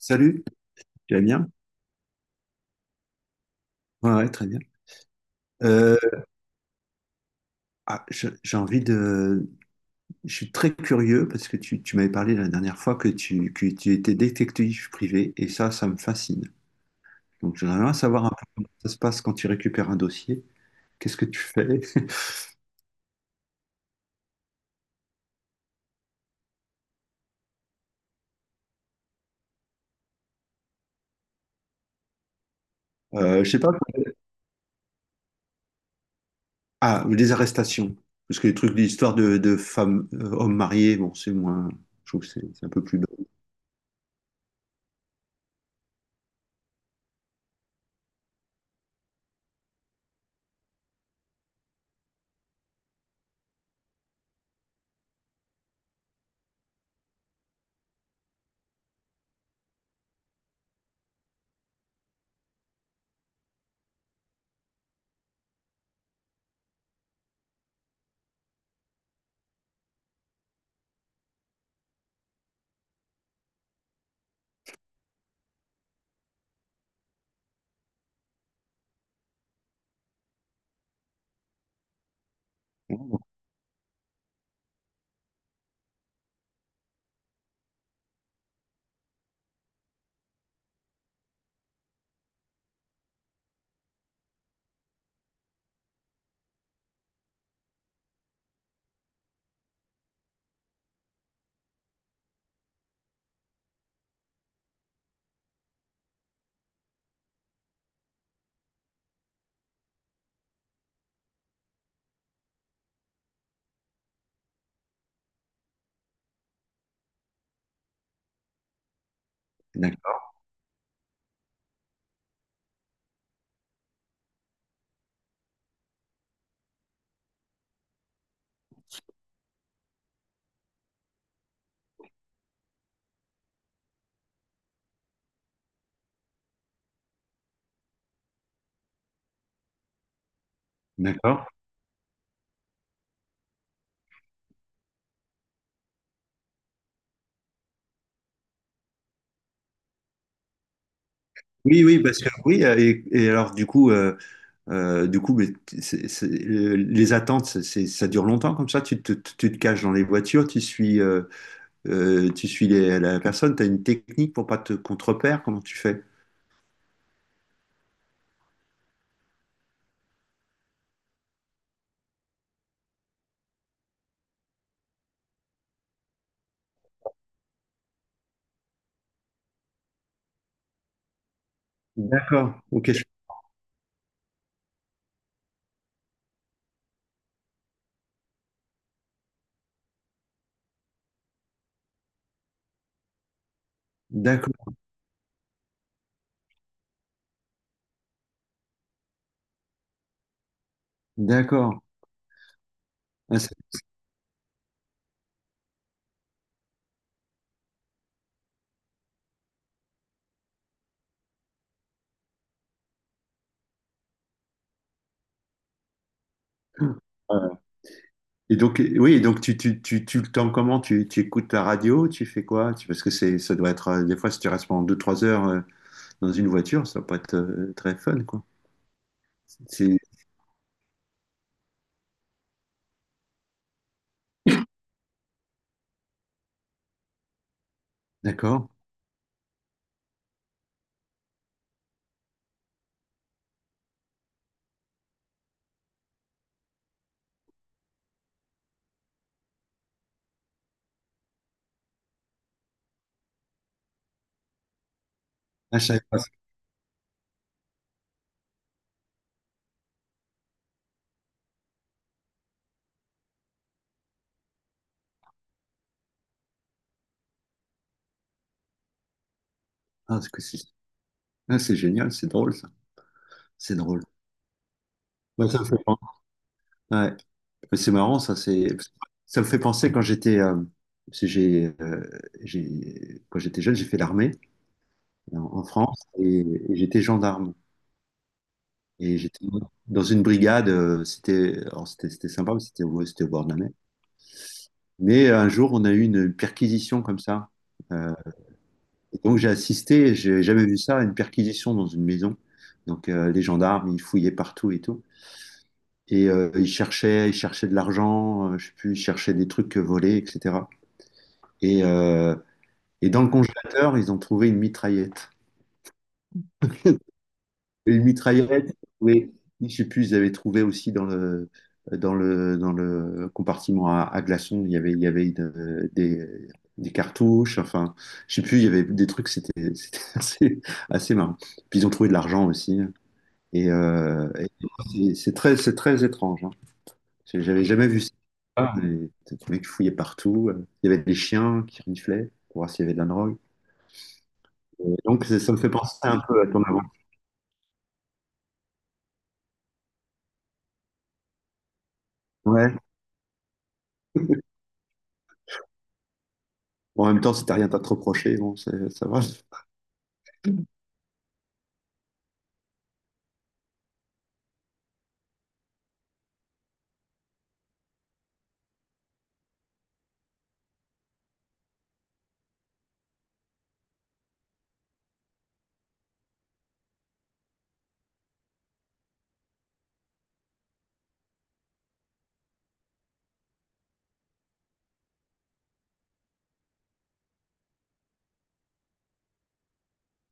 Salut, tu vas bien? Ouais, ouais, très bien. Euh, ah, j'ai envie de. Je suis très curieux parce que tu m'avais parlé la dernière fois que tu, étais détective privé et ça me fascine. Donc, j'aimerais bien savoir un peu comment ça se passe quand tu récupères un dossier. Qu'est-ce que tu fais? Je sais pas. Ah, les arrestations. Parce que les trucs, l'histoire de femmes, hommes mariés, bon, c'est moins. Je trouve que c'est un peu plus. D'accord. D'accord. Oui, oui, parce que oui, et, alors du coup, mais les attentes, ça dure longtemps comme ça. Tu te caches dans les voitures, tu suis la personne. Tu as une technique pour pas te contrepère. Comment tu fais? D'accord. Ok. D'accord. D'accord. Ah, c'est- euh, Et donc, oui, donc tu le temps comment? Tu écoutes la radio? Tu fais quoi? Parce que c'est, ça doit être, des fois, si tu restes pendant 2 3 heures dans une voiture, ça peut être très fun, quoi. C'est, d'accord. Ah, je savais pas ça. Ah, c'est que c'est- ah, c'est génial, c'est drôle, ça. C'est drôle. Bah ça me fait penser. Ouais. Mais c'est marrant, ça, c'est... Ça me fait penser quand j'étais parce que quand j'étais jeune, j'ai fait l'armée en France et, j'étais gendarme. Et j'étais dans une brigade, c'était alors, c'était sympa, mais c'était au bord de la mer. Mais un jour, on a eu une perquisition comme ça. Euh, et donc j'ai assisté, j'ai jamais vu ça, à une perquisition dans une maison. Donc les gendarmes, ils fouillaient partout et tout. Et ils cherchaient de l'argent, je sais plus, ils cherchaient des trucs volés, etc. Et, euh, et dans le congélateur, ils ont trouvé une mitraillette. Et une mitraillette, oui, je sais plus, ils avaient trouvé aussi dans le compartiment à glaçons, il y avait des cartouches, enfin, je sais plus, il y avait des trucs, c'était assez, assez marrant. Puis ils ont trouvé de l'argent aussi. Et c'est très, c'est très étrange, hein. J'avais jamais vu ça. Ah. Les mecs qui fouillaient partout. Il y avait des chiens qui reniflaient pour voir s'il y avait de la drogue. Et donc, ça me fait penser un peu à ton avant. Bon, en même temps, si t'as rien à te reprocher, bon, ça va.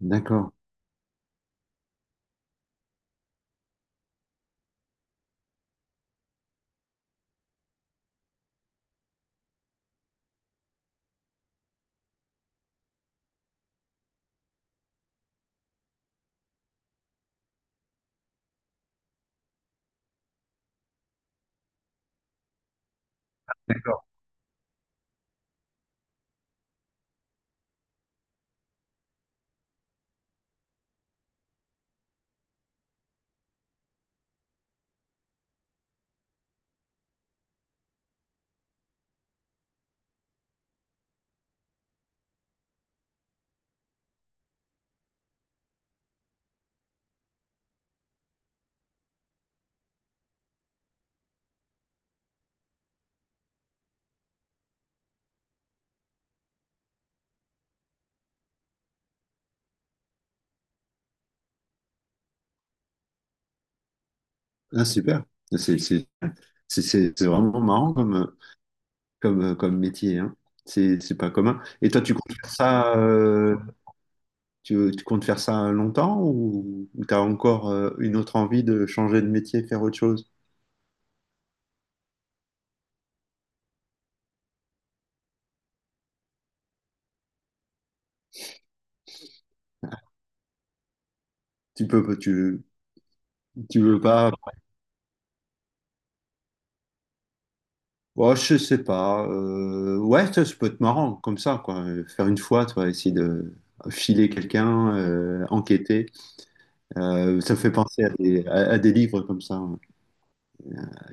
D'accord. D'accord. Ah, super. C'est c'est- c'est- c'est vraiment marrant comme, comme métier, hein. C'est pas commun. Et toi, tu comptes faire ça, tu comptes faire ça longtemps ou, tu as encore une autre envie de changer de métier, faire autre chose? Tu peux, tu, Tu veux pas ouais je sais pas. Ouais, ça peut être marrant, comme ça, quoi. Faire une fois, tu vois, essayer de filer quelqu'un, enquêter. Ça me fait penser à des, à des livres comme ça.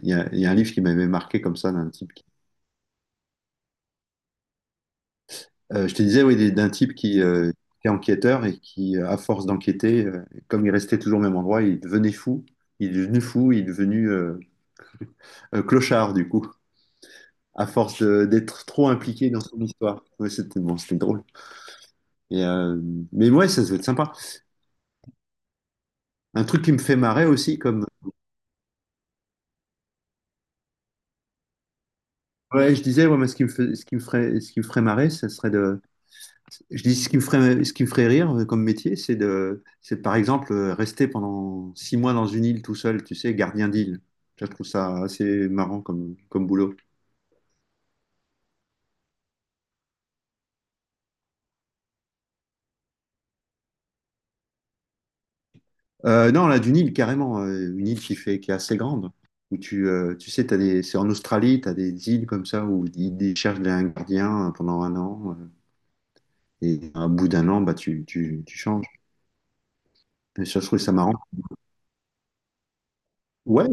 Il y a un livre qui m'avait marqué comme ça, d'un type qui... Je te disais, oui, d'un type qui est enquêteur et qui, à force d'enquêter, comme il restait toujours au même endroit, il devenait fou. Il est devenu fou, il est devenu clochard, du coup, à force d'être trop impliqué dans son histoire. Ouais, c'était bon, c'était drôle. Et, euh, mais ouais, ça doit être sympa. Un truc qui me fait marrer aussi, comme ouais, je disais, ouais, moi, ce qui me fait- ce qui me ferait, ce qui me ferait marrer, ça serait de, je dis ce qui me ferait rire comme métier, c'est de, c'est par exemple rester pendant 6 mois dans une île tout seul, tu sais, gardien d'île. Je trouve ça assez marrant comme, comme boulot. Non, là, d'une île carrément, une île qui fait, qui est assez grande, où tu, tu sais, t'as des, c'est en Australie, tu as des îles comme ça où ils cherchent un gardien pendant un an, et à bout d'un an, bah tu changes. Et ça, je trouve ça marrant. Ouais,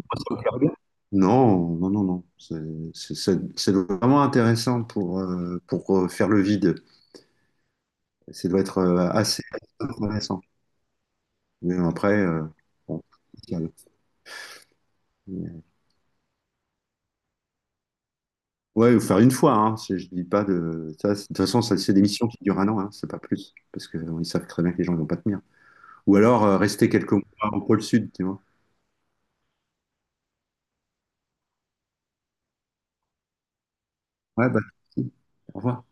non, non, non, non. C'est vraiment intéressant pour faire le vide. Ça doit être assez intéressant. Mais après, bon, c'est calme. Mais, ouais, ou faire une fois. Hein, je dis pas de ça, de toute façon, ça, c'est des missions qui durent un an, hein, c'est pas plus. Parce qu'ils savent très bien que les gens ne vont pas tenir. Ou alors rester quelques mois au pôle sud, tu vois. Ouais, bah, au revoir.